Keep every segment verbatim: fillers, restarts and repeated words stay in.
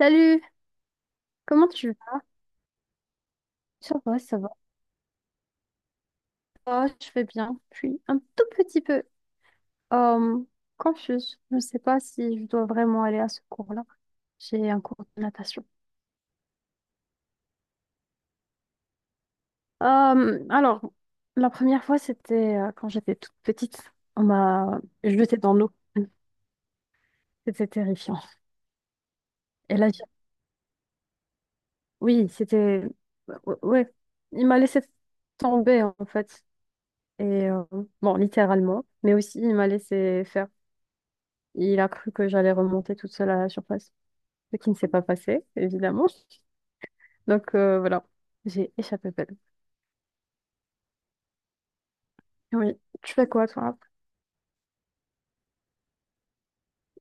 Salut, comment tu vas? Ça va, ça va. Ah, je vais bien. Je suis un tout petit peu euh, confuse. Je ne sais pas si je dois vraiment aller à ce cours-là. J'ai un cours de natation. Euh, alors, la première fois, c'était euh, quand j'étais toute petite. On m'a jetée dans l'eau. C'était terrifiant. Et là, j'ai- oui, c'était... Ouais, ouais. Il m'a laissé tomber, en fait. Et euh, bon, littéralement, mais aussi, il m'a laissé faire. Il a cru que j'allais remonter toute seule à la surface, ce qui ne s'est pas passé, évidemment. Donc euh, voilà, j'ai échappé belle. Oui. Tu fais quoi, toi? Après,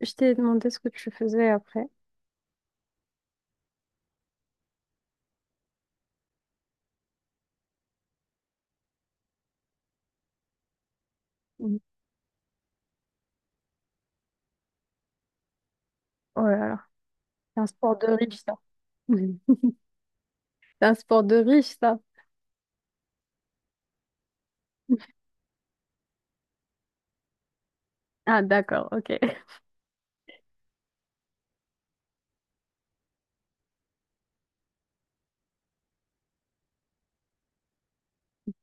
je t'ai demandé ce que tu faisais après. Mhm. Oh là là, c'est un sport de riche, ça. Mhm. C'est un sport de riche, ça. Ah d'accord, ok.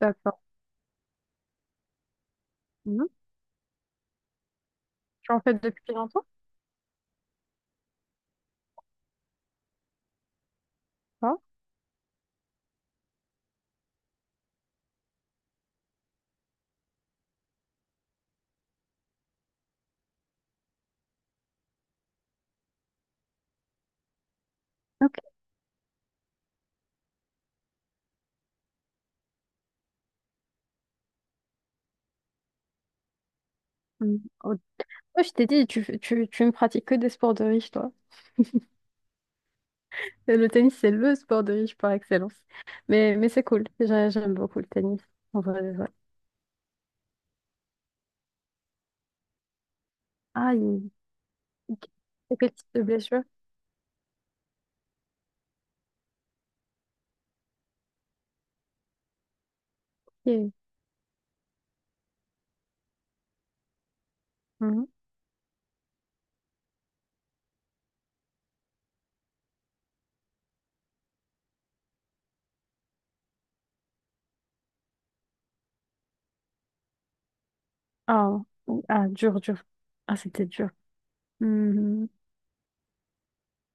D'accord. Mhm. Tu en fais depuis longtemps? Pas... Ok. Mhm. Oh, moi, je t'ai dit, tu, fais- tu, tu ne pratiques que des sports de riche, toi. Et le tennis, c'est le sport de riche par excellence. Mais, mais c'est cool. Déjà, j'aime beaucoup le tennis. En vrai, de vrai. Ah, il- il- quel type de blessure? Ok. Mhm. Ah, oui. Ah, dur, dur. Ah, c'était dur. Mhm.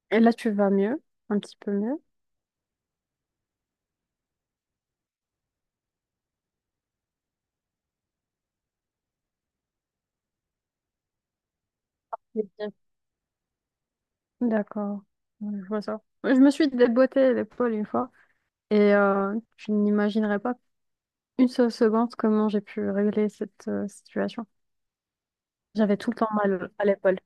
Et là, tu vas mieux, un petit peu mieux. C'est bien. D'accord. Ouais, je vois ça. Ouais, je me suis déboîtée l'épaule une fois et euh, tu n'imaginerais pas une seule seconde comment j'ai pu régler cette euh, situation. J'avais tout le temps mal à l'épaule.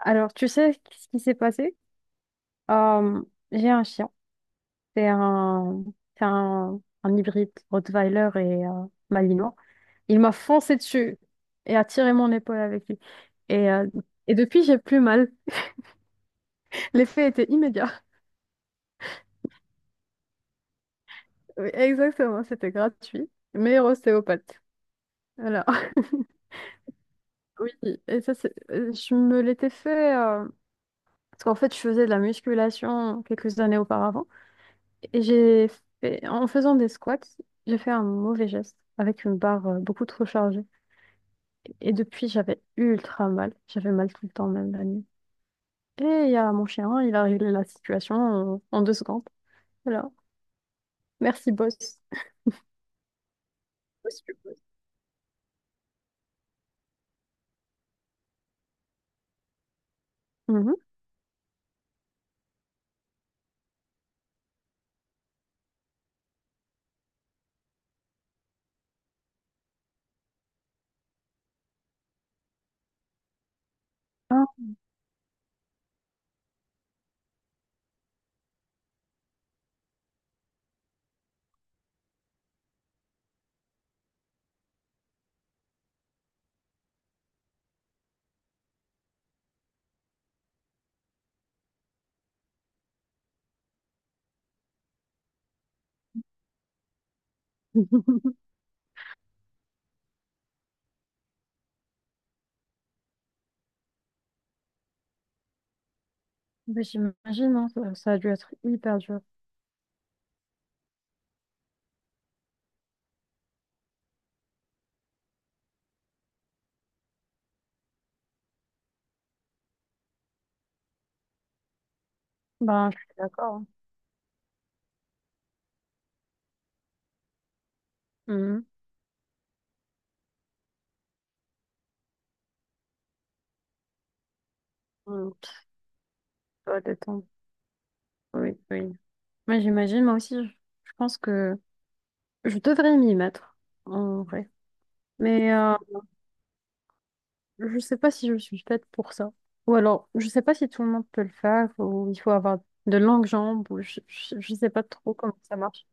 Alors, tu sais ce qui s'est passé? Euh, j'ai un chien. C'est un, c'est un, un hybride Rottweiler et euh, Malinois. Il m'a foncé dessus et a tiré mon épaule avec lui. Et, euh, et depuis, j'ai plus mal. L'effet était immédiat. Oui, exactement, c'était gratuit. Meilleur ostéopathe. Voilà. Oui, et ça, c'est... euh, je me l'étais fait... euh, parce qu'en fait, je faisais de la musculation quelques années auparavant. Et j'ai fait... En faisant des squats, j'ai fait un mauvais geste avec une barre euh, beaucoup trop chargée. Et depuis, j'avais ultra mal. J'avais mal tout le temps, même la nuit. Et il y a mon chien, il a réglé la situation en en deux secondes. Alors, merci, boss. Parce que... Mhm. Ah. Bah, j'imagine, hein, ça, ça a dû être hyper dur. Ben, je suis d'accord, hein. Mhm. Mhm. Tu dois t'attendre. Oui, oui. Moi, j'imagine, moi aussi, je je pense que je devrais m'y mettre, en vrai. Mais euh, je sais pas si je suis faite pour ça. Ou alors, je sais pas si tout le monde peut le faire, ou il faut avoir de longues jambes, ou je, je, je sais pas trop comment ça marche.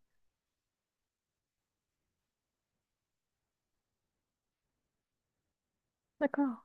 D'accord.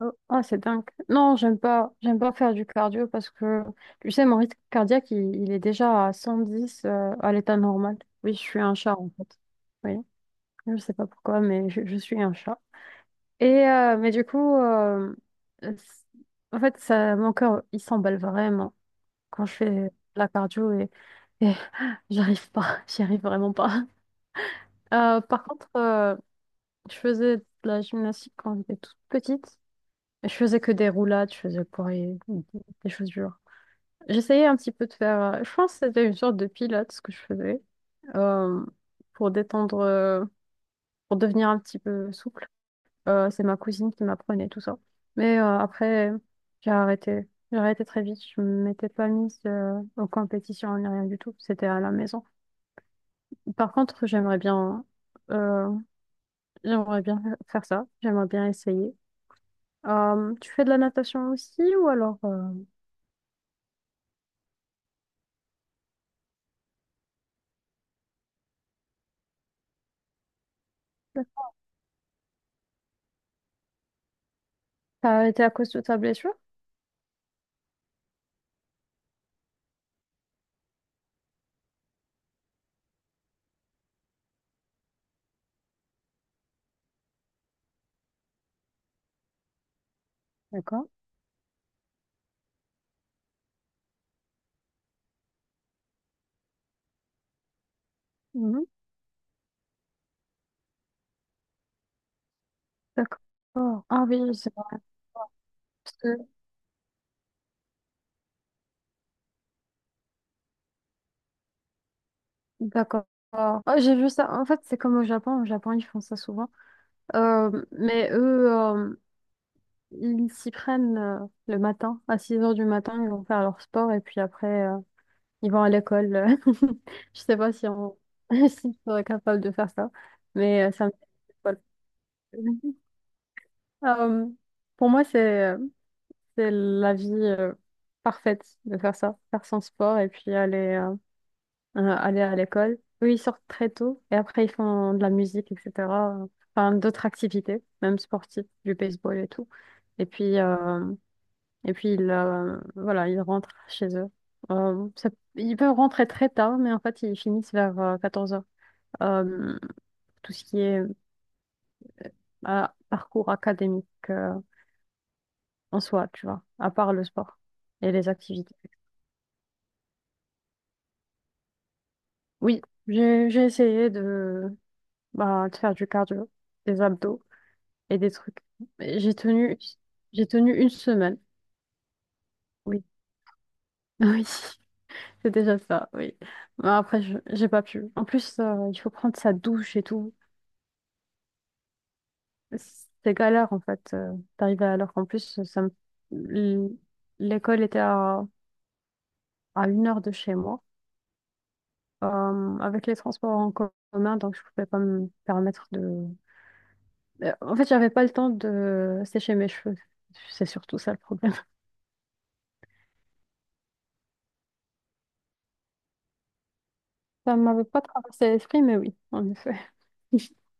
Oh, ah, c'est dingue. Non, j'aime pas, j'aime pas faire du cardio parce que, tu sais, mon rythme cardiaque, il, il est déjà à cent dix, euh, à l'état normal. Oui, je suis un chat, en fait. Oui, je sais pas pourquoi, mais je, je suis un chat. Et, euh, mais du coup, euh, euh, c- en fait, ça, mon cœur, il s'emballe vraiment quand je fais de la cardio et, et j'arrive pas, j'y arrive vraiment pas. Euh, par contre, euh, je faisais de la gymnastique quand j'étais toute petite. Je faisais que des roulades, je faisais pour les- des choses dures. J'essayais un petit peu de faire. euh, Je pense que c'était une sorte de pilates ce que je faisais euh, pour détendre, euh, pour devenir un petit peu souple. Euh, c'est ma cousine qui m'apprenait tout ça. Mais euh, après, j'ai arrêté. J'ai arrêté très vite. Je ne m'étais pas mise euh, en compétition ni rien du tout. C'était à la maison. Par contre, j'aimerais bien, euh, j'aimerais bien faire ça. J'aimerais bien essayer. Euh, tu fais de la natation aussi, ou alors euh, t'as arrêté à cause de ta blessure? D'accord. Mhm. D'accord. Ah oui, oui, c'est vrai. Parce que... D'accord. Ah, j'ai vu ça. En fait, c'est comme au Japon. Au Japon, ils font ça souvent. Euh, mais eux, euh, ils s'y prennent euh, le matin. À six heures du matin, ils vont faire leur sport et puis après, euh, ils vont à l'école. Je sais pas si on si on est capable de faire ça. Mais euh, ça me... Euh, pour moi, c'est... euh, c'est la vie euh, parfaite de faire ça, faire son sport et puis aller, euh, euh, aller à l'école. Eux, ils sortent très tôt et après, ils font de la musique, et cetera. Enfin, d'autres activités, même sportives, du baseball et tout. Et puis, euh, et puis ils, euh, voilà, ils rentrent chez eux. Euh, ça- ils peuvent rentrer très tard, mais en fait, ils finissent vers quatorze heures. Tout ce qui est euh, parcours académique euh, en soi, tu vois, à part le sport et les activités. Oui, j'ai j'ai essayé de, bah, de faire du cardio, des abdos et des trucs. Mais J'ai tenu, j'ai tenu une semaine. Oui, oui, c'est déjà ça, oui. Mais après, je- j'ai pas pu. En plus, euh, il faut prendre sa douche et tout. C'est galère, en fait, euh, d'arriver à l'heure. En plus, ça me- l- l'école était à, à une heure de chez moi, euh, avec les transports en commun, donc je pouvais pas me permettre de... Euh, En fait, j'avais pas le temps de sécher mes cheveux. C'est surtout ça le problème. Ça m'avait pas traversé l'esprit, mais oui, en effet.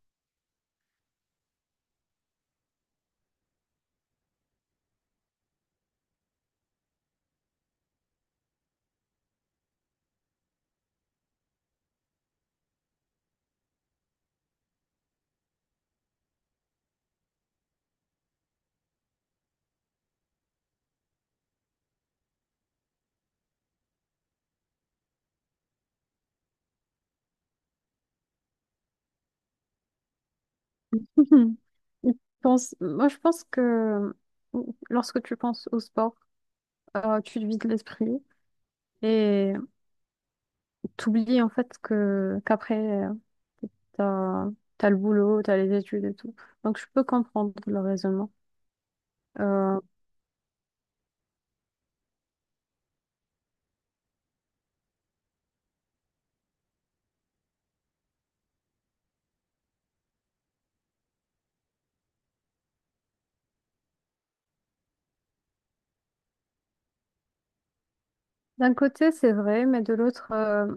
Mhm. Je pense- Moi, je pense que lorsque tu penses au sport, euh, tu te vides l'esprit et t'oublies en fait que qu'après, euh, t'as, t'as le boulot, t'as les études et tout. Donc, je peux comprendre le raisonnement. Euh, D'un côté, c'est vrai, mais de l'autre, euh,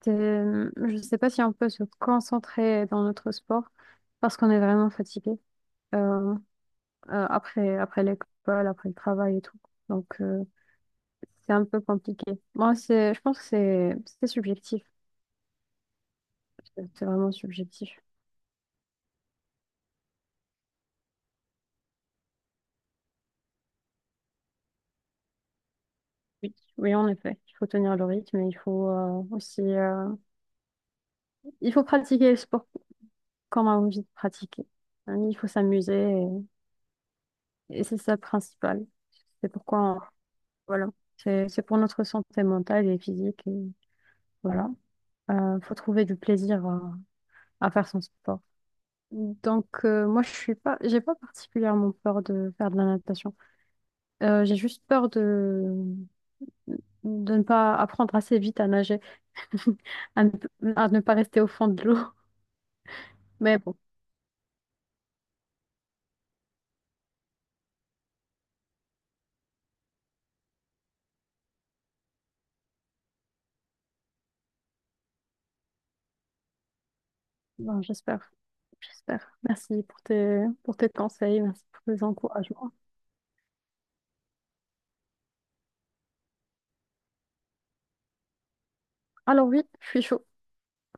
t'es- hum, je ne sais pas si on peut se concentrer dans notre sport parce qu'on est vraiment fatigué euh, euh, après, après l'école, après le travail et tout. Donc, euh, c'est un peu compliqué. Moi, c'est, je pense que c'est c'est subjectif. C'est c'est vraiment subjectif. Oui, oui, en effet. Il faut tenir le rythme et il faut euh, aussi euh, il faut pratiquer le sport comme on a envie de pratiquer. Il faut s'amuser et, et c'est ça le principal. C'est pourquoi... Voilà, c'est c'est pour notre santé mentale et physique. Et voilà, Euh, faut trouver du plaisir à, à faire son sport. Donc euh, moi je suis pas, j'ai pas particulièrement peur de faire de la natation. Euh, j'ai juste peur de de ne pas apprendre assez vite à nager, à ne, à ne pas rester au fond de l'eau. Mais bon, bon, j'espère, j'espère. Merci pour tes pour tes conseils, merci pour tes encouragements. Alors oui, je suis chaud.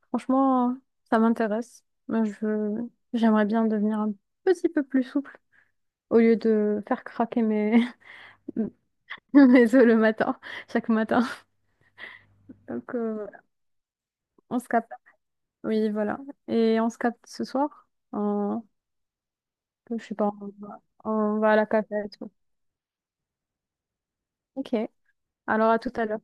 Franchement, ça m'intéresse. Moi, je, j'aimerais bien devenir un petit peu plus souple au lieu de faire craquer mes, mes os le matin, chaque matin. Donc, euh, voilà. On se capte. Oui, voilà. Et on se capte ce soir. En, je sais pas, on va, on va à la cafette. Ok. Alors, à tout à l'heure.